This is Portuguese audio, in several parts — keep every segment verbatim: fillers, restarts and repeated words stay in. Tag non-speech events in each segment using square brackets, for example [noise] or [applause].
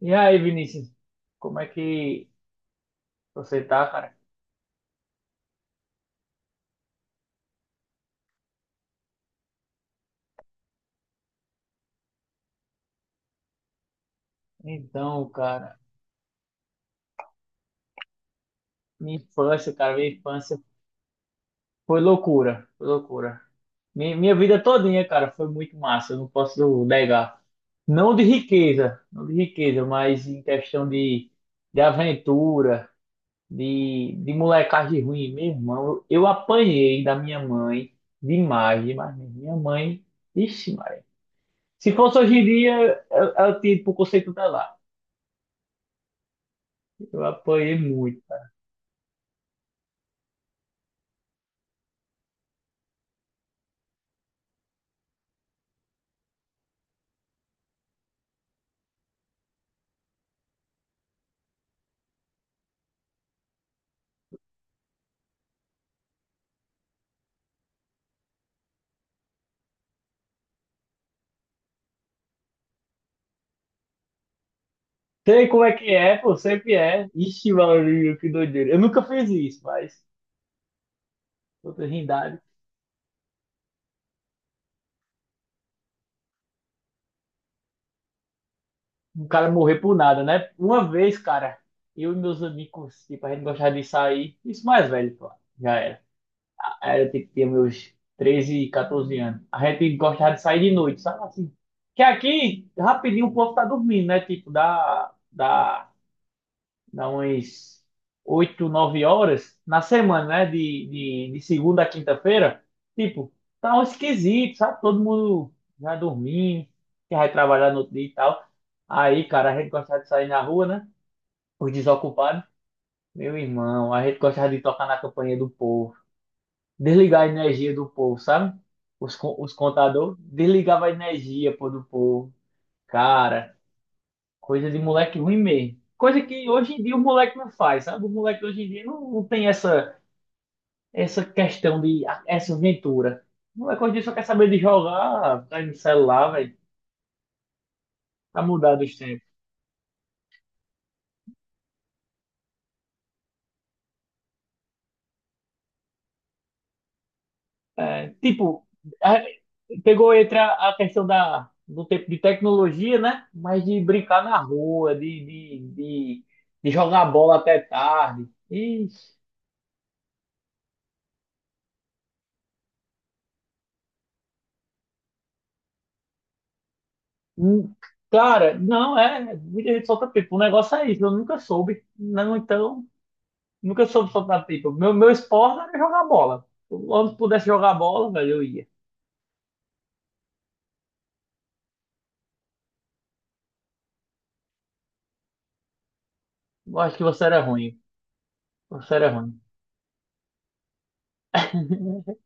E aí, Vinícius, como é que você tá, cara? Então, cara, minha infância, cara, minha infância foi loucura, foi loucura. Minha, minha vida todinha, cara, foi muito massa, eu não posso negar. Não de riqueza, não de riqueza, mas em questão de, de aventura, de, de molecagem ruim. Meu irmão, eu apanhei da minha mãe demais, demais mesmo. Minha mãe, ixi, Maria. Se fosse hoje em dia, eu, eu tiro pro conceito dela. Eu apanhei muito. Sei como é que é, pô, sempre é. Ixi, Maurílio, que doideira. Eu nunca fiz isso, mas outra rindade. Um cara morrer por nada, né? Uma vez, cara, eu e meus amigos, tipo, a gente gostava de sair. Isso mais velho, pô. Já era. Era, tipo, tinha meus treze catorze anos. A gente gostava de sair de noite, sabe assim? Que aqui, rapidinho, o povo tá dormindo, né? Tipo, da, da dá umas oito nove horas na semana, né? De, de, de segunda a quinta-feira. Tipo, tá um esquisito, sabe? Todo mundo já dormindo, que vai trabalhar no outro dia e tal. Aí, cara, a gente gostava de sair na rua, né? Os desocupados. Meu irmão, a gente gostava de tocar na campanha do povo. Desligar a energia do povo, sabe? Os, co- os contadores desligava a energia, pô, do povo. Cara, coisa de moleque ruim mesmo. Coisa que hoje em dia o moleque não faz, sabe? O moleque hoje em dia não, não tem essa, essa questão de a- essa aventura. O moleque hoje em dia só quer saber de jogar, tá aí no celular, velho. Tá mudado os tempos. É, tipo, a- pegou entre a, a questão da, do tempo de tecnologia, né? Mas de brincar na rua, de, de, de, de jogar bola até tarde. E, hum, cara, não, é. Muita gente solta pipa. O negócio é isso, eu nunca soube. Não, então. Nunca soube soltar pipa. Meu, meu esporte era jogar bola. Quando pudesse jogar bola, velho, eu ia. Eu acho que você era ruim. Você era ruim. [laughs]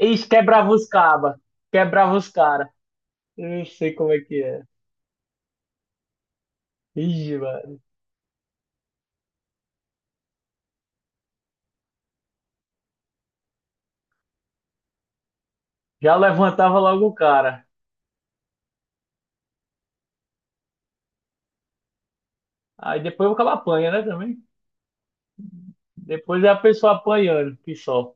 Ixi, quebrava os cabas. Quebrava os caras. Eu sei como é que é. Ixi, mano. Já levantava logo o cara. Aí depois o cara apanha, né, também? Depois é a pessoa apanhando, que só.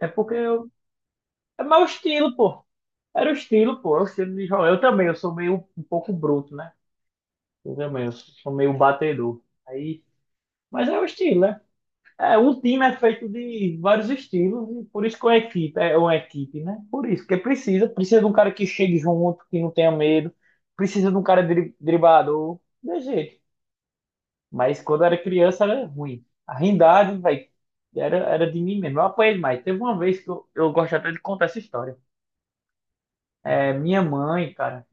É porque eu... É meu estilo, pô. Era o estilo, pô. É o estilo de jogar. Eu também, eu sou meio um pouco bruto, né? Eu também, eu sou meio batedor. Aí... Mas é o estilo, né? É, um time é feito de vários estilos, e por isso que uma equipe é uma equipe, né? Por isso, porque precisa, precisa de um cara que chegue junto, que não tenha medo, precisa de um cara dri driblador, de jeito. Mas quando era criança era ruim. A rindade, velho, era, era de mim mesmo. Eu apanhei demais. Teve uma vez que eu, eu gosto até de contar essa história. É, minha mãe, cara,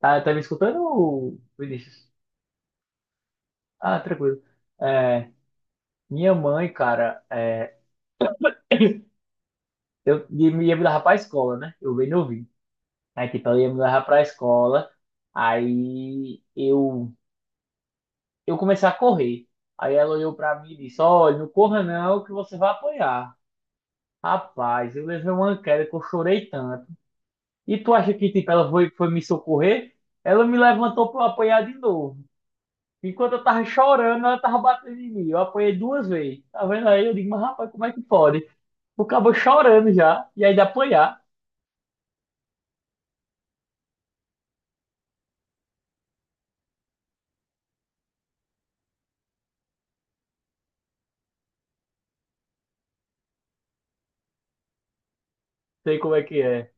tá, tá me escutando, Vinícius? Ah, tranquilo. É, minha mãe, cara, é, [laughs] eu ia me ia me levar pra escola, né? Eu bem novinho. Aí, tipo, ela ia me levar pra escola. Aí eu, eu comecei a correr. Aí ela olhou pra mim e disse: Olha, não corra não, que você vai apanhar. Rapaz, eu levei uma queda que eu chorei tanto. E tu acha que, tipo, ela foi, foi me socorrer? Ela me levantou pra eu apanhar de novo. Enquanto eu tava chorando, ela tava batendo em mim. Eu apanhei duas vezes. Tá vendo aí? Eu digo: Mas rapaz, como é que pode? O cabo chorando já. E ainda apanhar. Sei como é que é.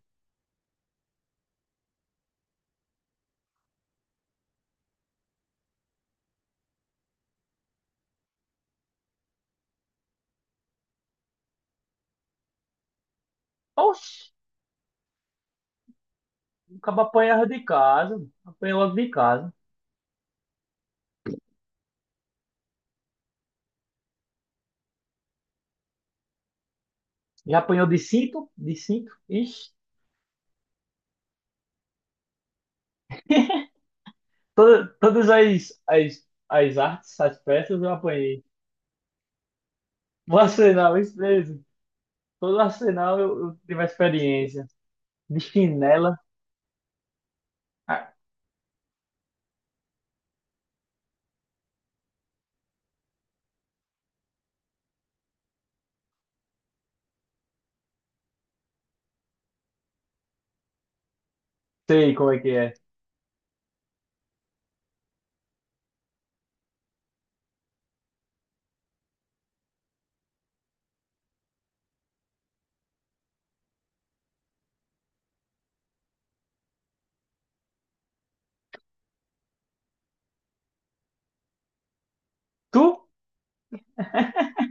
Oxi, o cabo apanhava de casa. Apanhei logo de casa. Já apanhou de cinto? De cinto? Ixi. Toda- todas as, as, as artes, as peças eu apanhei. No arsenal, isso mesmo. Todo arsenal eu, eu tive a experiência. De chinela. Ah, sei como é que é. Tu? [laughs]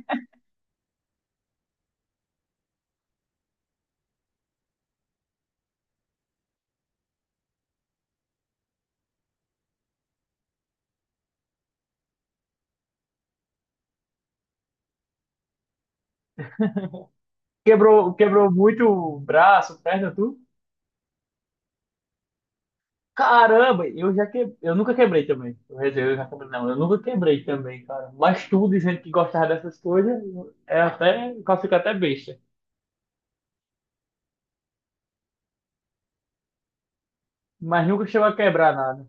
Quebrou, quebrou muito o braço, perna, tu? Caramba, eu já que... eu nunca quebrei também. Quer dizer, eu já quebrei, não, eu nunca quebrei também, cara. Mas tu dizendo que gostava dessas coisas, é até, o cara fica até besta. Mas nunca chegou a quebrar nada.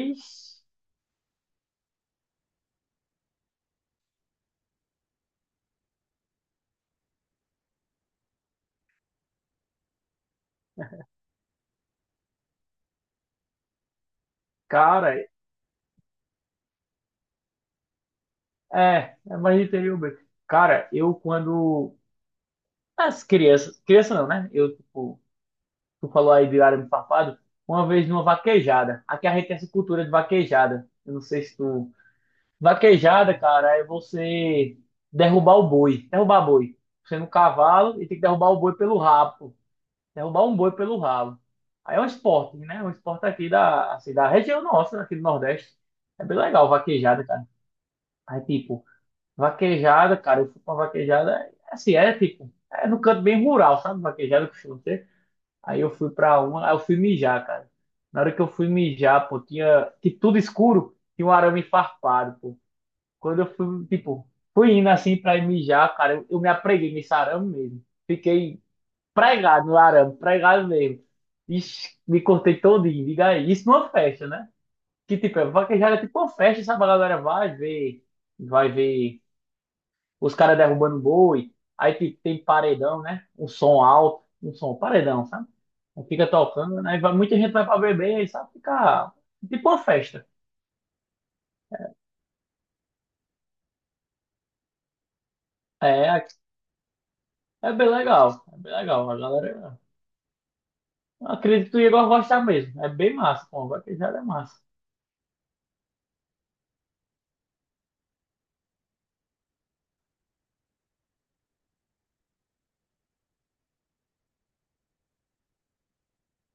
Ixi, cara, é, é mais interior mesmo. Cara, eu quando. As crianças. Criança não, né? Eu, tipo, tu falou aí de arame farpado, uma vez numa vaquejada. Aqui a gente tem essa cultura de vaquejada. Eu não sei se tu. Vaquejada, cara, é você derrubar o boi. Derrubar boi. Você no cavalo e tem que derrubar o boi pelo rabo, pô. Derrubar um boi pelo rabo. Aí é um esporte, né? É um esporte aqui da, assim, da região nossa, aqui do Nordeste. É bem legal, vaquejada, cara. Aí, tipo. Vaquejada, cara, eu fui pra vaquejada, é assim, é tipo, é no canto bem rural, sabe? Vaquejada que costuma ter. Aí eu fui pra uma, aí eu fui mijar, cara. Na hora que eu fui mijar, pô, tinha, tipo, tudo escuro, tinha um arame farpado, pô. Quando eu fui, tipo, fui indo assim pra ir mijar, cara, eu, eu me apreguei nesse arame mesmo. Fiquei pregado no arame, pregado mesmo. Ixi, me cortei todinho, diga aí. Isso numa festa, né? Que tipo, é vaquejada é tipo uma festa, sabe? A galera vai ver, vai ver os caras derrubando boi, aí tem tem paredão, né? Um som alto, um som paredão, sabe? Aí fica tocando, né? Vai- Muita gente vai pra beber, aí sabe? Fica tipo uma festa. É, é bem legal, é bem legal. A galera, eu acredito que tu ia gostar mesmo. É bem massa, pô, agora que já é massa.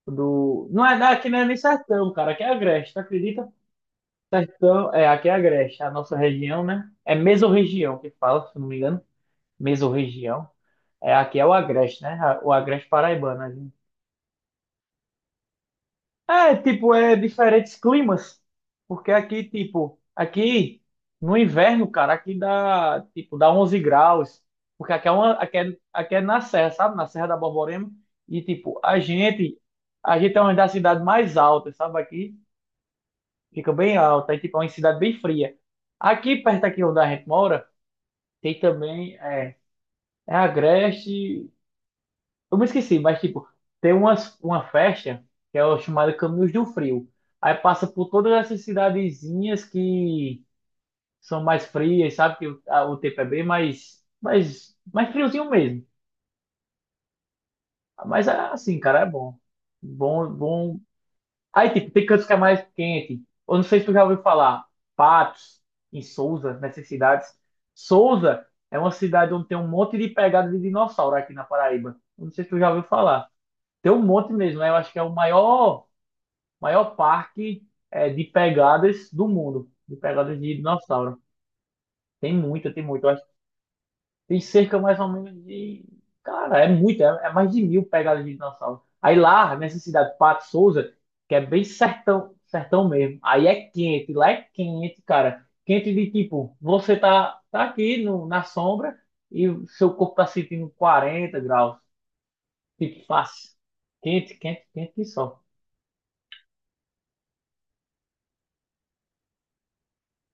Do, não é daqui, não é nem sertão, cara. Aqui é Agreste, tu acredita? Sertão, é, aqui é Agreste, a nossa região, né? É mesorregião que fala, se não me engano. Mesorregião. É, aqui é o Agreste, né? A- O Agreste Paraibano, né? É, tipo, é diferentes climas. Porque aqui, tipo, aqui no inverno, cara, aqui dá, tipo, dá onze graus. Porque aqui é, uma, aqui é, aqui é na serra, sabe? Na Serra da Borborema. E, tipo, a gente, a gente é uma das cidades mais altas, sabe? Aqui fica bem alta. E, tipo, é uma cidade bem fria. Aqui, perto aqui onde a gente mora, tem também, é, é Agreste eu me esqueci, mas tipo, tem umas, uma festa que é o chamado Caminhos do Frio. Aí passa por todas essas cidadezinhas que são mais frias, sabe? Que o, a- o tempo é bem mais, mais, mais friozinho mesmo. Mas assim, cara, é bom. Bom, bom. Aí, tipo, tem cantos que é mais quente. Eu não sei se tu já ouviu falar. Patos, em Souza, nessas cidades. Souza é uma cidade onde tem um monte de pegada de dinossauro aqui na Paraíba. Eu não sei se tu já ouviu falar. Tem um monte mesmo, né? Eu acho que é o maior, maior parque é, de pegadas do mundo, de pegadas de dinossauro. Tem muita, tem muito. Eu acho que tem cerca mais ou menos de. Cara, é muito, é, é mais de mil pegadas de dinossauro. Aí lá, nessa cidade, Pato Souza, que é bem sertão, sertão mesmo. Aí é quente, lá é quente, cara. Quente de tipo, você tá, tá aqui no, na sombra e o seu corpo tá sentindo quarenta graus. Tipo, fácil. Quente, quente, quente que só.